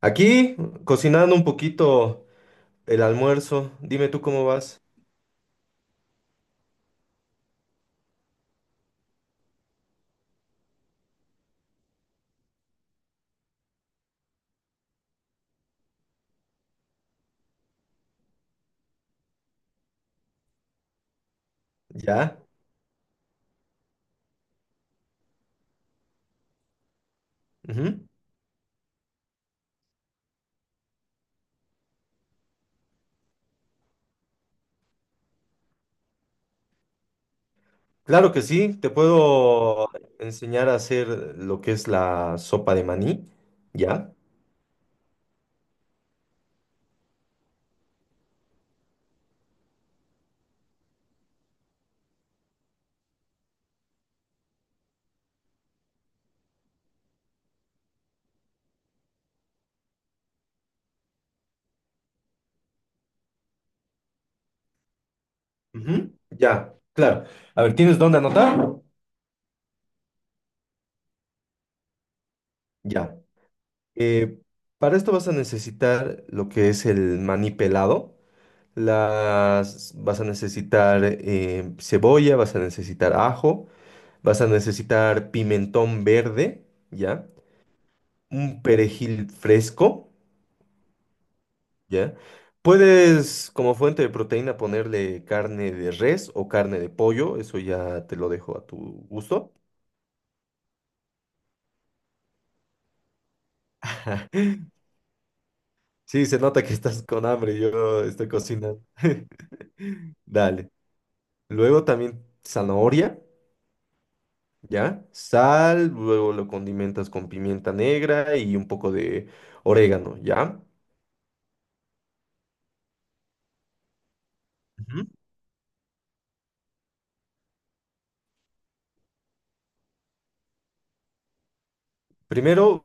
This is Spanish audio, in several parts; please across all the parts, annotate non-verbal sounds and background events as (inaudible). Aquí, cocinando un poquito el almuerzo. Dime tú cómo vas. ¿Ya? Ujú. Claro que sí, te puedo enseñar a hacer lo que es la sopa de maní. ¿Ya? Ujú. Ya, claro. A ver, ¿tienes dónde anotar? Ya. Eh, para esto vas a necesitar lo que es el maní pelado. Las, vas a necesitar cebolla, vas a necesitar ajo, vas a necesitar pimentón verde, ¿ya? Un perejil fresco, ¿ya? Puedes, como fuente de proteína, ponerle carne de res o carne de pollo, eso ya te lo dejo a tu gusto. (laughs) Sí, se nota que estás con hambre, yo estoy cocinando. (laughs) Dale. Luego también zanahoria, ¿ya? Sal, luego lo condimentas con pimienta negra y un poco de orégano, ¿ya? Ujú. Primero,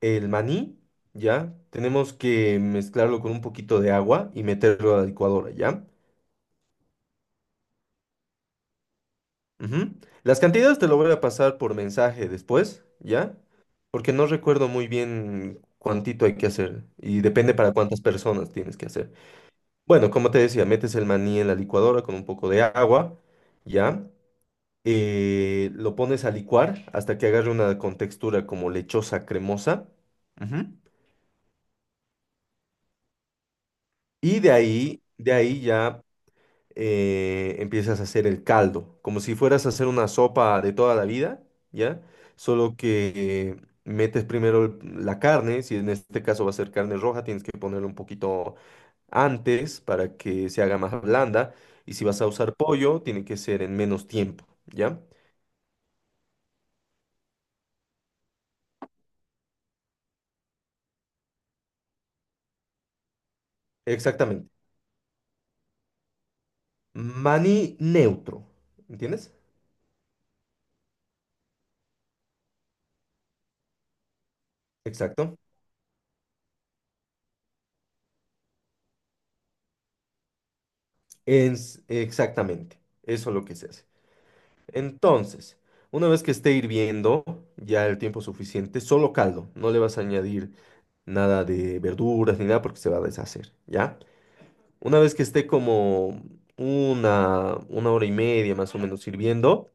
el maní, ¿ya? Tenemos que mezclarlo con un poquito de agua y meterlo a la licuadora, ¿ya? Ujú. Las cantidades te lo voy a pasar por mensaje después, ¿ya? Porque no recuerdo muy bien cuántito hay que hacer y depende para cuántas personas tienes que hacer. Bueno, como te decía, metes el maní en la licuadora con un poco de agua, ¿ya? Lo pones a licuar hasta que agarre una contextura como lechosa cremosa. Ujú. Y de ahí ya empiezas a hacer el caldo, como si fueras a hacer una sopa de toda la vida, ¿ya? Solo que metes primero la carne, si en este caso va a ser carne roja, tienes que ponerle un poquito antes para que se haga más blanda, y si vas a usar pollo, tiene que ser en menos tiempo, ¿ya? Exactamente. Maní neutro, ¿entiendes? Exacto. Exactamente. Eso es lo que se hace. Entonces, una vez que esté hirviendo ya el tiempo suficiente, solo caldo, no le vas a añadir nada de verduras ni nada porque se va a deshacer, ¿ya? Una vez que esté como una hora y media más o menos hirviendo,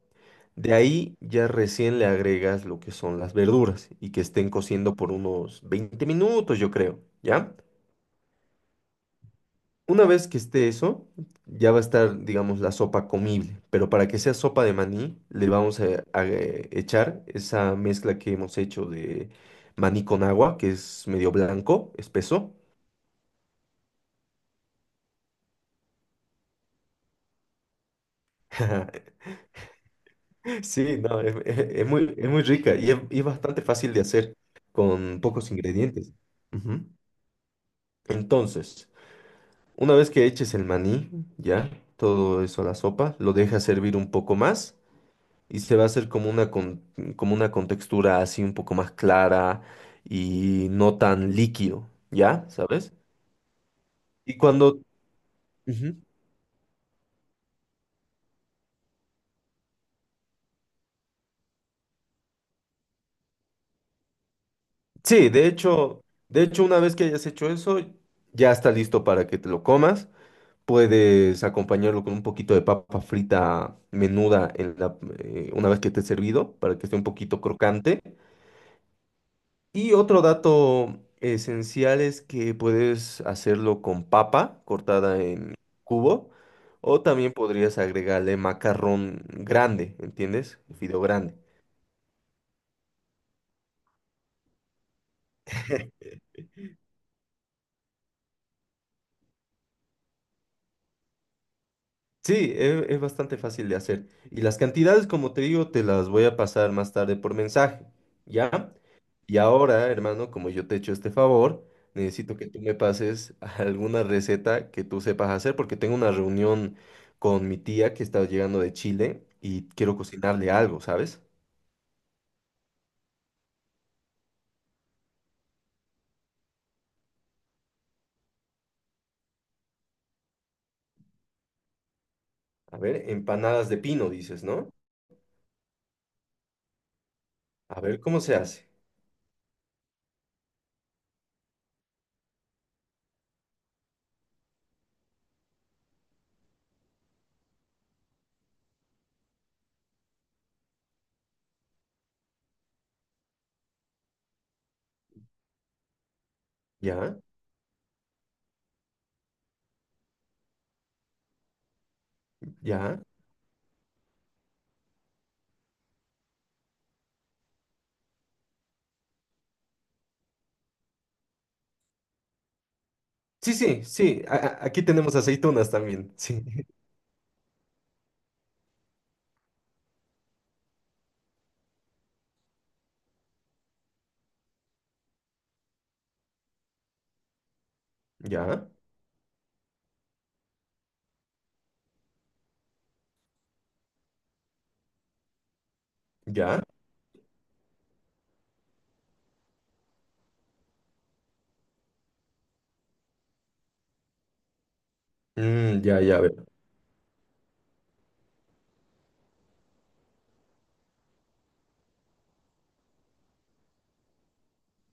de ahí ya recién le agregas lo que son las verduras y que estén cociendo por unos 20 minutos, yo creo, ¿ya? Una vez que esté eso, ya va a estar, digamos, la sopa comible, pero para que sea sopa de maní, le vamos a, echar esa mezcla que hemos hecho de maní con agua, que es medio blanco, espeso. (laughs) Sí, no, es muy rica y es bastante fácil de hacer con pocos ingredientes. Ujú. Entonces, una vez que eches el maní, ya, todo eso a la sopa, lo dejas servir un poco más. Y se va a hacer como una, como una contextura así un poco más clara y no tan líquido, ¿ya? ¿Sabes? Y cuando... Ujú. Sí, de hecho, una vez que hayas hecho eso, ya está listo para que te lo comas. Puedes acompañarlo con un poquito de papa frita menuda en la, una vez que esté servido, para que esté un poquito crocante. Y otro dato esencial es que puedes hacerlo con papa cortada en cubo o también podrías agregarle macarrón grande, ¿entiendes? Fideo grande. (laughs) Sí, bastante fácil de hacer. Y las cantidades, como te digo, te las voy a pasar más tarde por mensaje, ¿ya? Y ahora, hermano, como yo te he hecho este favor, necesito que tú me pases (laughs) alguna receta que tú sepas hacer, porque tengo una reunión con mi tía que está llegando de Chile y quiero cocinarle algo, ¿sabes? A ver, empanadas de pino, dices, ¿no? A ver cómo se hace. ¿Ya? ¿Ya? Sí, sí, sí. Aquí tenemos aceitunas también. Sí. (laughs) ¿Ya? ¿Ya? Mm, ya, ya, a ver.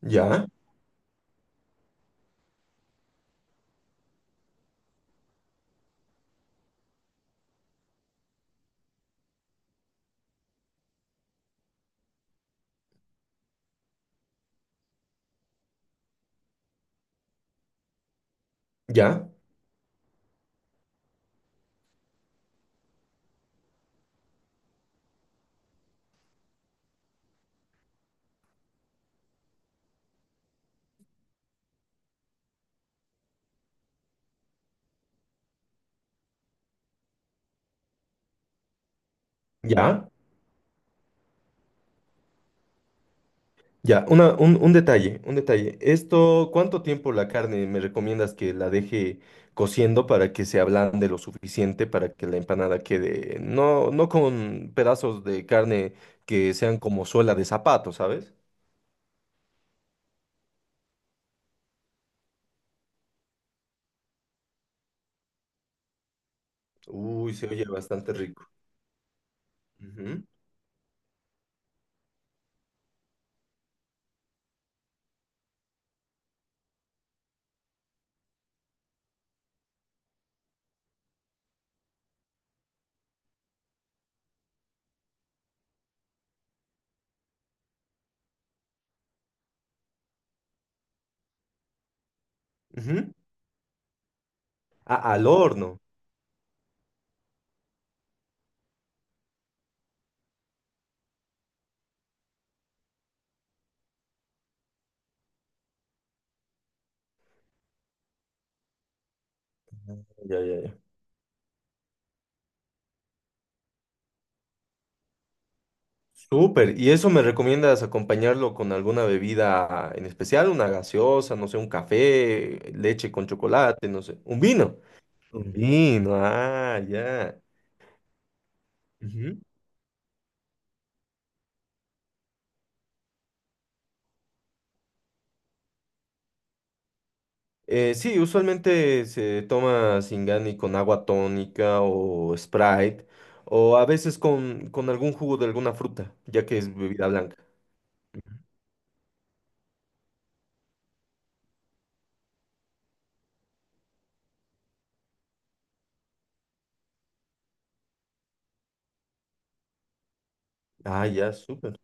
¿Ya? ¿Ya? ¿Ya? Ya, una, un detalle, un detalle. Esto, ¿cuánto tiempo la carne me recomiendas que la deje cociendo para que se ablande lo suficiente para que la empanada quede, no, no con pedazos de carne que sean como suela de zapato, ¿sabes? Uy, se oye bastante rico. Ujú, ujú. Ah, al horno. Ya, ya, ya. Súper. ¿Y eso me recomiendas acompañarlo con alguna bebida en especial? Una gaseosa, no sé, un café, leche con chocolate, no sé, un vino. Un vino, ah, ya. Ujú. Sí, usualmente se toma Singani con agua tónica o Sprite, o a veces con algún jugo de alguna fruta, ya que es bebida blanca. Ah, ya, súper.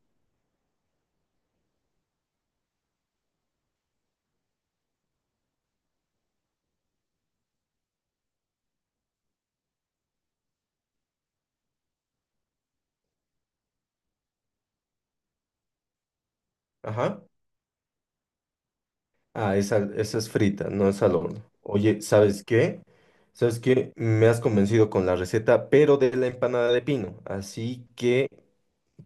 Ajá. Ah, esa es frita, no es al horno. Oye, ¿sabes qué? ¿Sabes qué? Me has convencido con la receta, pero de la empanada de pino. Así que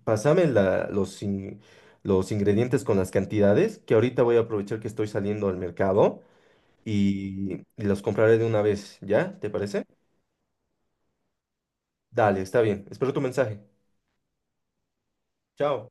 pásame los, los ingredientes con las cantidades, que ahorita voy a aprovechar que estoy saliendo al mercado y los compraré de una vez, ¿ya? ¿Te parece? Dale, está bien. Espero tu mensaje. Chao.